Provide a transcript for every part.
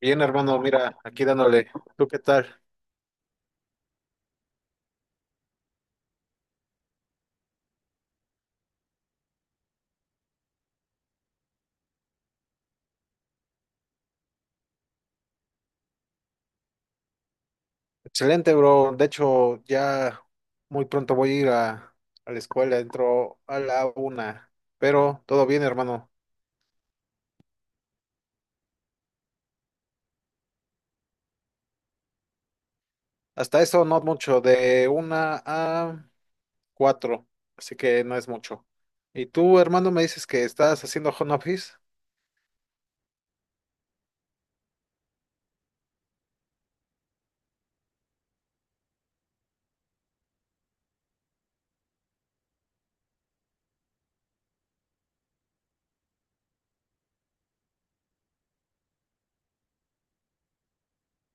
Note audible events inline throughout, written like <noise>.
Bien, hermano, mira, aquí dándole. ¿Tú qué tal? Excelente, bro. De hecho, ya muy pronto voy a ir a la escuela, entro a la una. Pero todo bien, hermano. Hasta eso no mucho, de una a cuatro. Así que no es mucho. ¿Y tú, hermano, me dices que estás haciendo home office?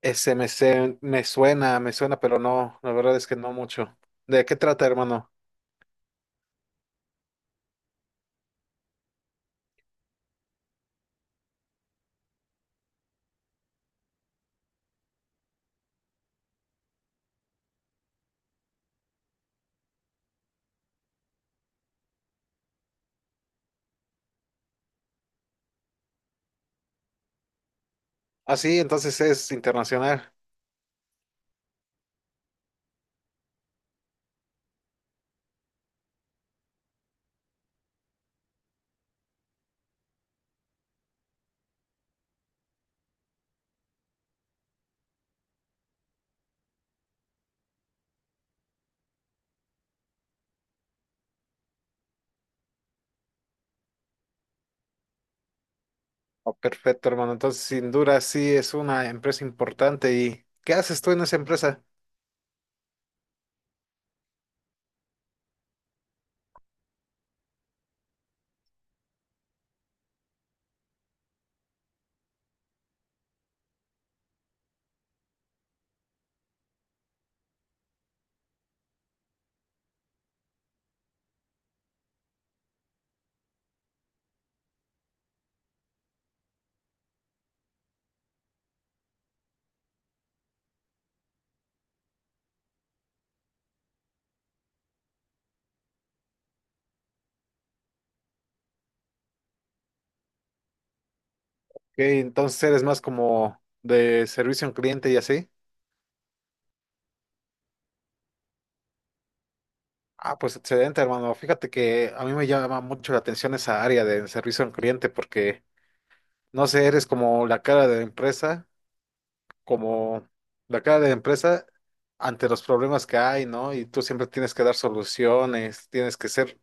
Me suena, me suena, pero no, la verdad es que no mucho. ¿De qué trata, hermano? Ah, sí, entonces es internacional. Oh, perfecto, hermano. Entonces, sin duda, sí es una empresa importante. ¿Y qué haces tú en esa empresa? Que entonces eres más como de servicio al cliente y así. Ah, pues excelente, hermano. Fíjate que a mí me llama mucho la atención esa área de servicio al cliente porque, no sé, eres como la cara de la empresa, como la cara de la empresa ante los problemas que hay, ¿no? Y tú siempre tienes que dar soluciones, tienes que ser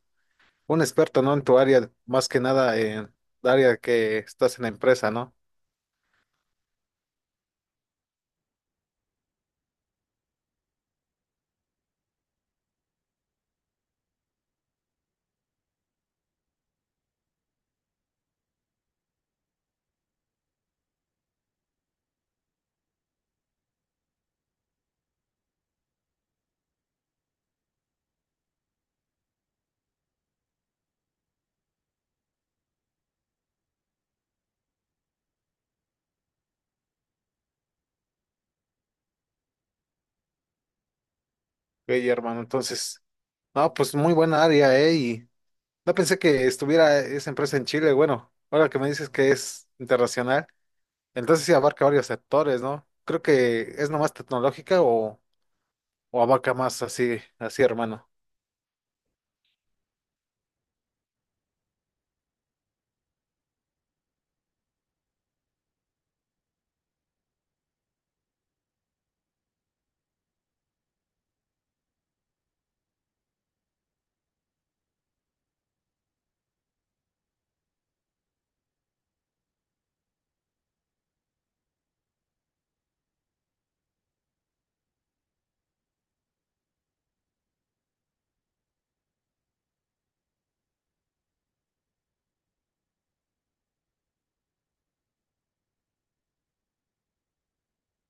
un experto, ¿no? En tu área, más que nada en el área que estás en la empresa, ¿no? Hey, hermano, entonces, no, pues muy buena área, ¿eh? Y no pensé que estuviera esa empresa en Chile. Bueno, ahora que me dices que es internacional, entonces sí abarca varios sectores, ¿no? Creo que es nomás tecnológica o abarca más así, así, hermano.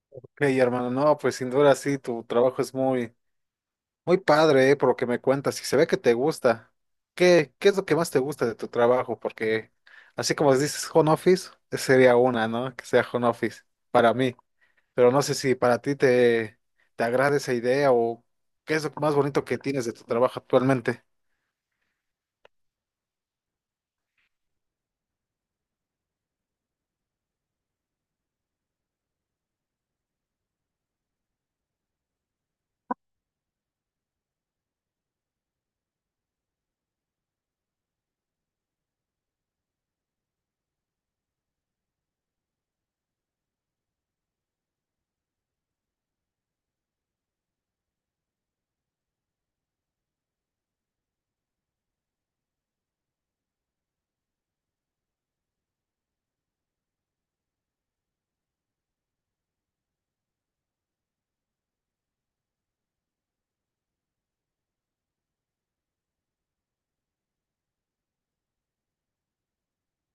Ok, hermano, no, pues sin duda sí, tu trabajo es muy padre, ¿eh? Por lo que me cuentas, y se ve que te gusta. ¿Qué es lo que más te gusta de tu trabajo? Porque así como dices home office, sería una, ¿no? Que sea home office para mí. Pero no sé si para ti te agrada esa idea o qué es lo más bonito que tienes de tu trabajo actualmente.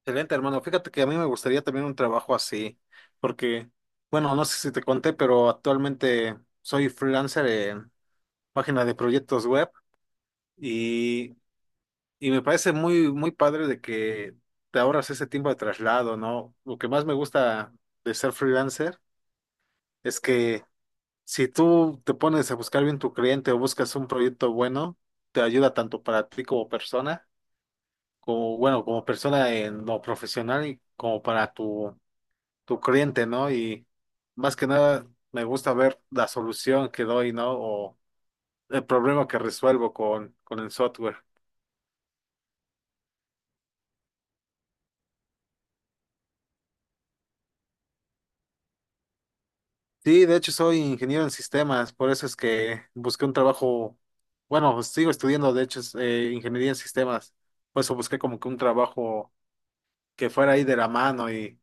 Excelente, hermano. Fíjate que a mí me gustaría también un trabajo así, porque, bueno, no sé si te conté, pero actualmente soy freelancer en página de proyectos web y, y me parece muy padre de que te ahorras ese tiempo de traslado, ¿no? Lo que más me gusta de ser freelancer es que, si tú te pones a buscar bien tu cliente o buscas un proyecto bueno, te ayuda tanto para ti como persona, como bueno, como persona en lo profesional y como para tu cliente, ¿no? Y más que nada me gusta ver la solución que doy, ¿no? O el problema que resuelvo con el software. Sí, de hecho soy ingeniero en sistemas, por eso es que busqué un trabajo, bueno, sigo estudiando, de hecho, ingeniería en sistemas, por eso busqué como que un trabajo que fuera ahí de la mano. y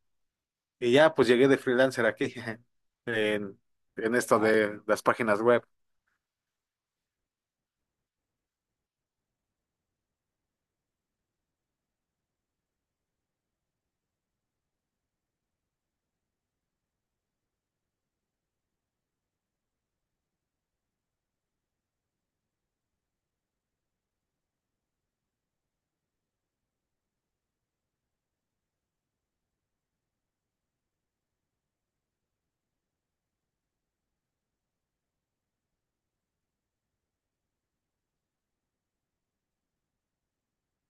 Y ya, pues llegué de freelancer aquí, <laughs> en, en esto de las páginas web.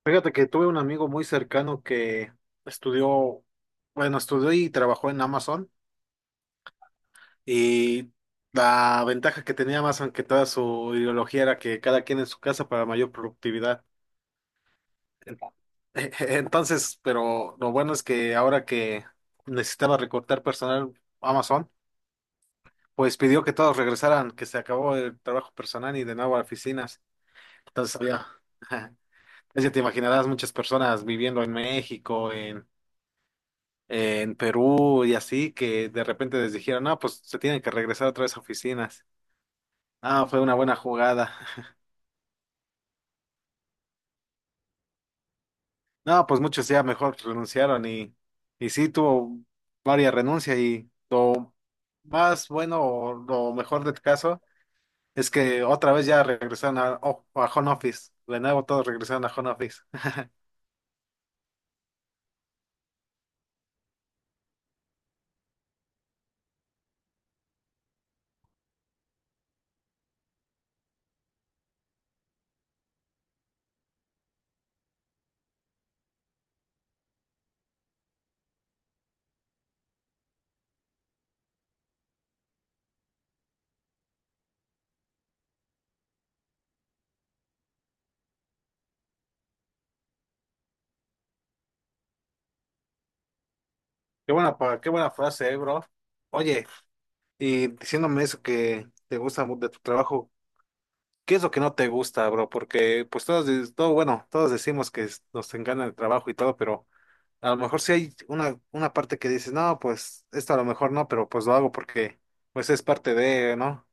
Fíjate que tuve un amigo muy cercano que estudió, bueno, estudió y trabajó en Amazon. Y la ventaja que tenía Amazon, que toda su ideología era que cada quien en su casa para mayor productividad. En- <laughs> Entonces, pero lo bueno es que ahora que necesitaba recortar personal Amazon, pues pidió que todos regresaran, que se acabó el trabajo personal y de nuevo a oficinas. Entonces había, <laughs> pues ya te imaginarás muchas personas viviendo en México, en Perú y así, que de repente les dijeron, no, pues se tienen que regresar otra vez a oficinas. Ah, fue una buena jugada. <laughs> No, pues muchos ya mejor renunciaron y sí tuvo varias renuncias y lo más bueno o lo mejor del caso es que otra vez ya regresaron a, oh, a home office. De nuevo todos regresaron a home office. <laughs> Qué buena, qué buena frase, bro. Oye. Y diciéndome eso que te gusta de tu trabajo, ¿qué es lo que no te gusta, bro? Porque pues todo, bueno, todos decimos que nos encanta el trabajo y todo, pero a lo mejor sí hay una parte que dices, no, pues esto a lo mejor no, pero pues lo hago porque pues es parte de, ¿no?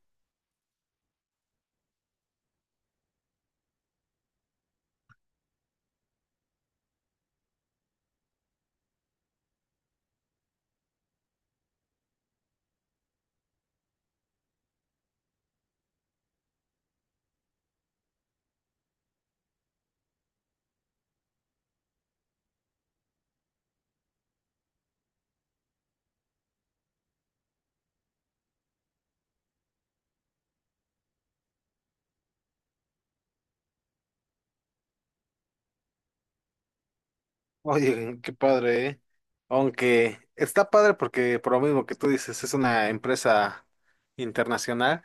Oye, qué padre, ¿eh? Aunque está padre porque por lo mismo que tú dices, es una empresa internacional,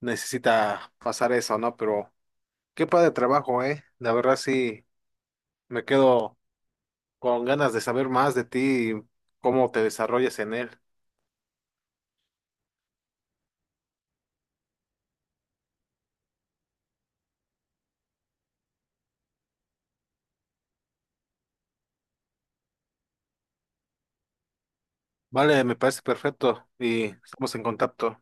necesita pasar eso, ¿no? Pero qué padre trabajo, ¿eh? La verdad sí me quedo con ganas de saber más de ti y cómo te desarrollas en él. Vale, me parece perfecto y estamos en contacto.